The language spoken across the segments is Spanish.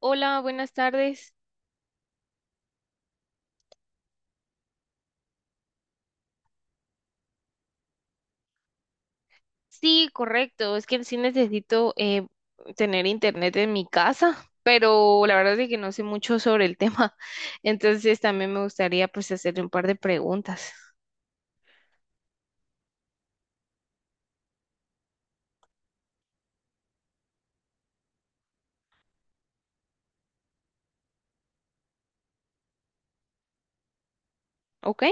Hola, buenas tardes. Sí, correcto. Es que sí necesito tener internet en mi casa, pero la verdad es que no sé mucho sobre el tema. Entonces también me gustaría pues hacerle un par de preguntas. ¿Ok?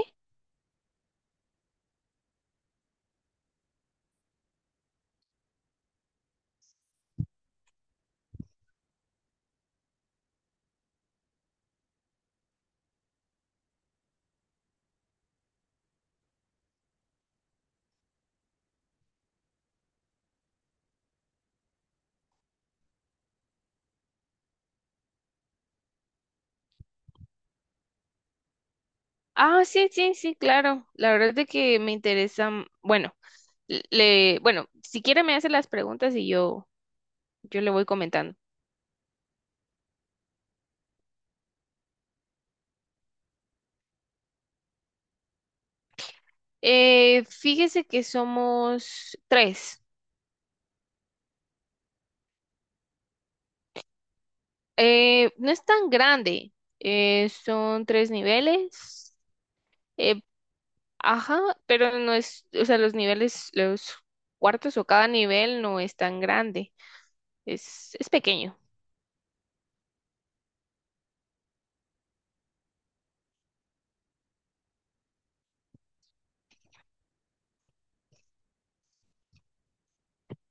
Ah, sí, sí, sí, claro. La verdad es que me interesa, bueno, bueno, si quiere me hace las preguntas y yo le voy comentando. Fíjese que somos tres. No es tan grande, son tres niveles, eh, ajá, pero no es, o sea, los niveles, los cuartos o cada nivel no es tan grande, es pequeño.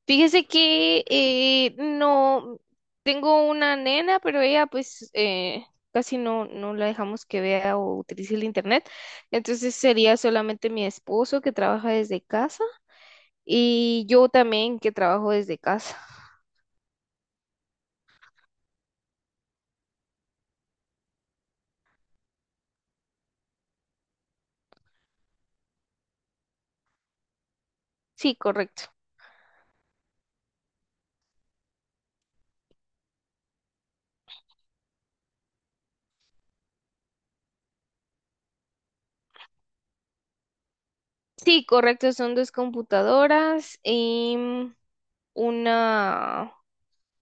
Fíjese que no, tengo una nena, pero ella pues casi no, no la dejamos que vea o utilice el internet, entonces sería solamente mi esposo que trabaja desde casa y yo también que trabajo desde casa. Sí, correcto. Sí, correcto, son dos computadoras y una,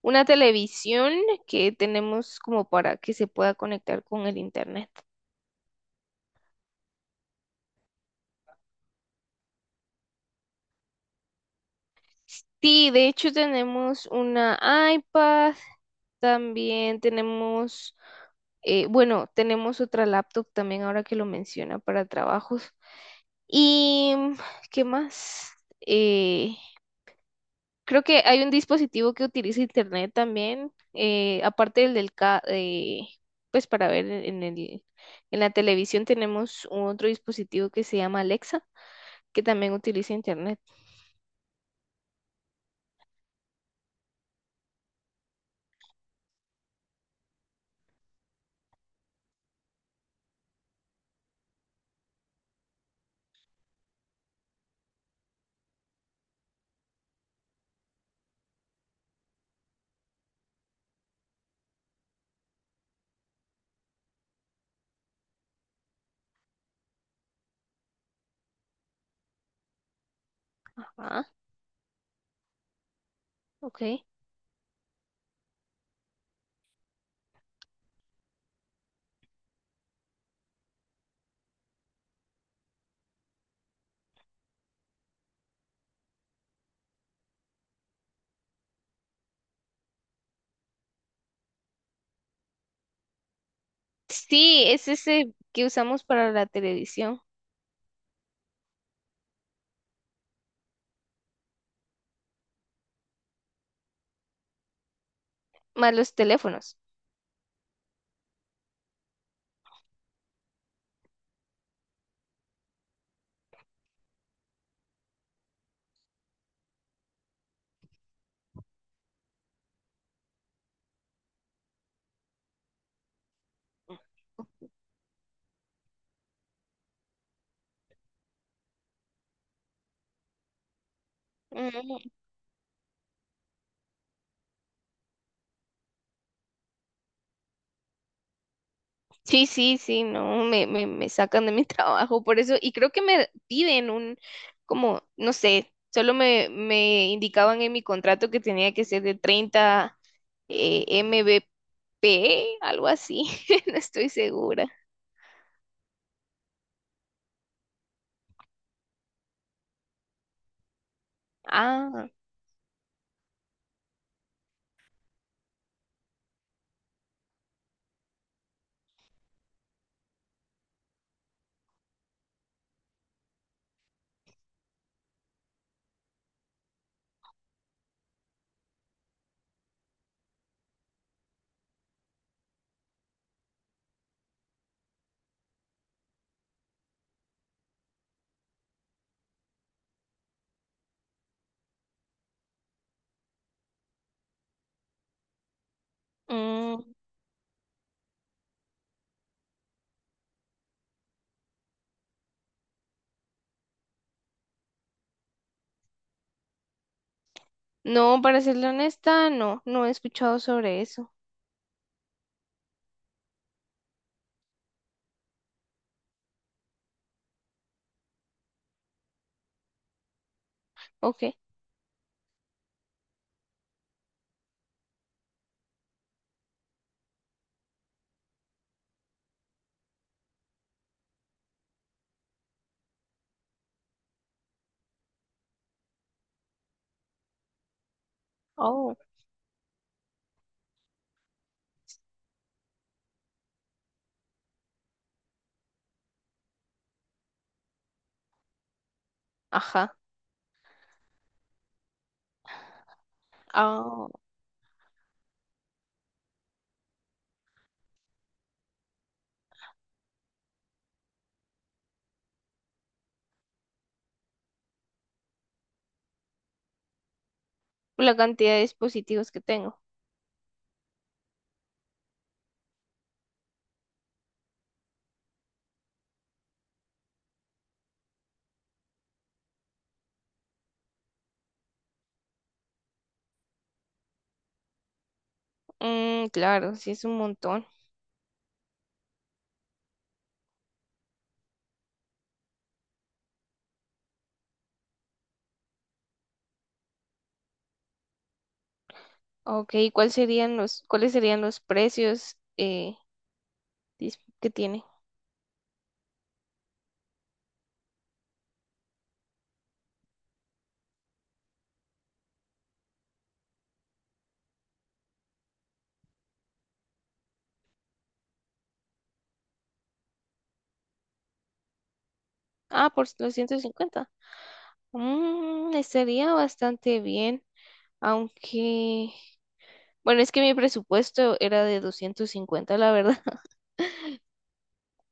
una televisión que tenemos como para que se pueda conectar con el internet. Sí, de hecho tenemos una iPad, también tenemos, bueno, tenemos otra laptop también ahora que lo menciona para trabajos. ¿Y qué más? Eh, Creo que hay un dispositivo que utiliza internet también, aparte del pues para ver en la televisión tenemos otro dispositivo que se llama Alexa, que también utiliza internet. Ajá, ok. Sí, es ese que usamos para la televisión, más los teléfonos. Sí, sí, sí, no, me sacan de mi trabajo por eso, y creo que me piden como, no sé, solo me indicaban en mi contrato que tenía que ser de 30 MBP, algo así, no estoy segura. Ah, mm, no, para serle honesta, no, no he escuchado sobre eso. Ok, oh, ajá, ah, la cantidad de dispositivos que tengo. Mm, claro, sí es un montón. Ok, ¿ cuáles serían los precios que tiene? Ah, por los 150. Mm, estaría bastante bien, aunque, bueno, es que mi presupuesto era de 250, la verdad.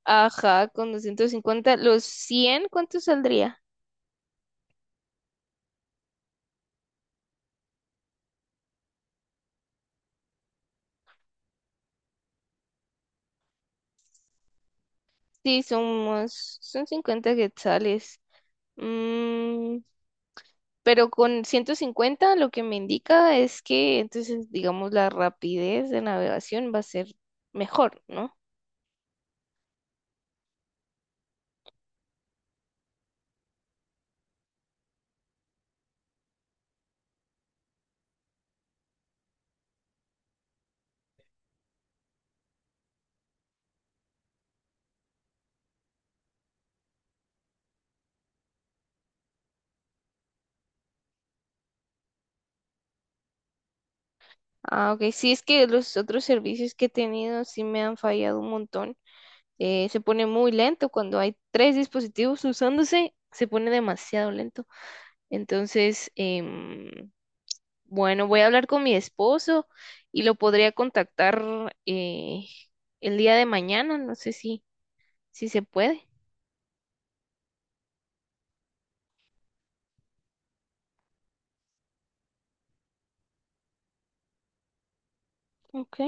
Ajá, con 250, los 100, ¿cuánto saldría? Sí, son 50 quetzales. Mm, pero con 150 lo que me indica es que entonces, digamos, la rapidez de navegación va a ser mejor, ¿no? Ah, ok. Sí, es que los otros servicios que he tenido sí me han fallado un montón. Se pone muy lento cuando hay tres dispositivos usándose, se pone demasiado lento. Entonces, bueno, voy a hablar con mi esposo y lo podría contactar eh, el día de mañana, no sé si se puede. Ok.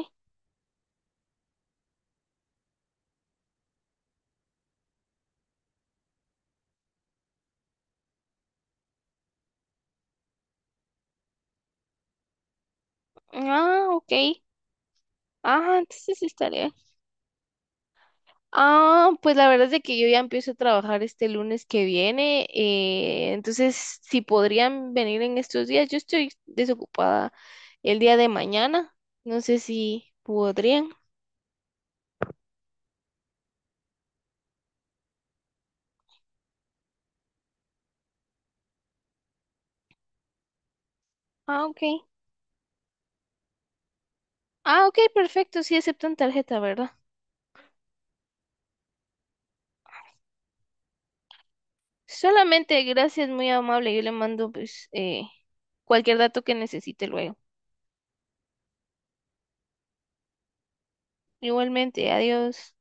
Ah, ok. Ah, entonces sí estaría. Ah, pues la verdad es de que yo ya empiezo a trabajar este lunes que viene, entonces si podrían venir en estos días, yo estoy desocupada el día de mañana, no sé si podrían. Ah, ok. Ah, ok, perfecto, sí aceptan tarjeta, ¿verdad? Solamente gracias, muy amable, yo le mando pues cualquier dato que necesite luego. Igualmente, adiós.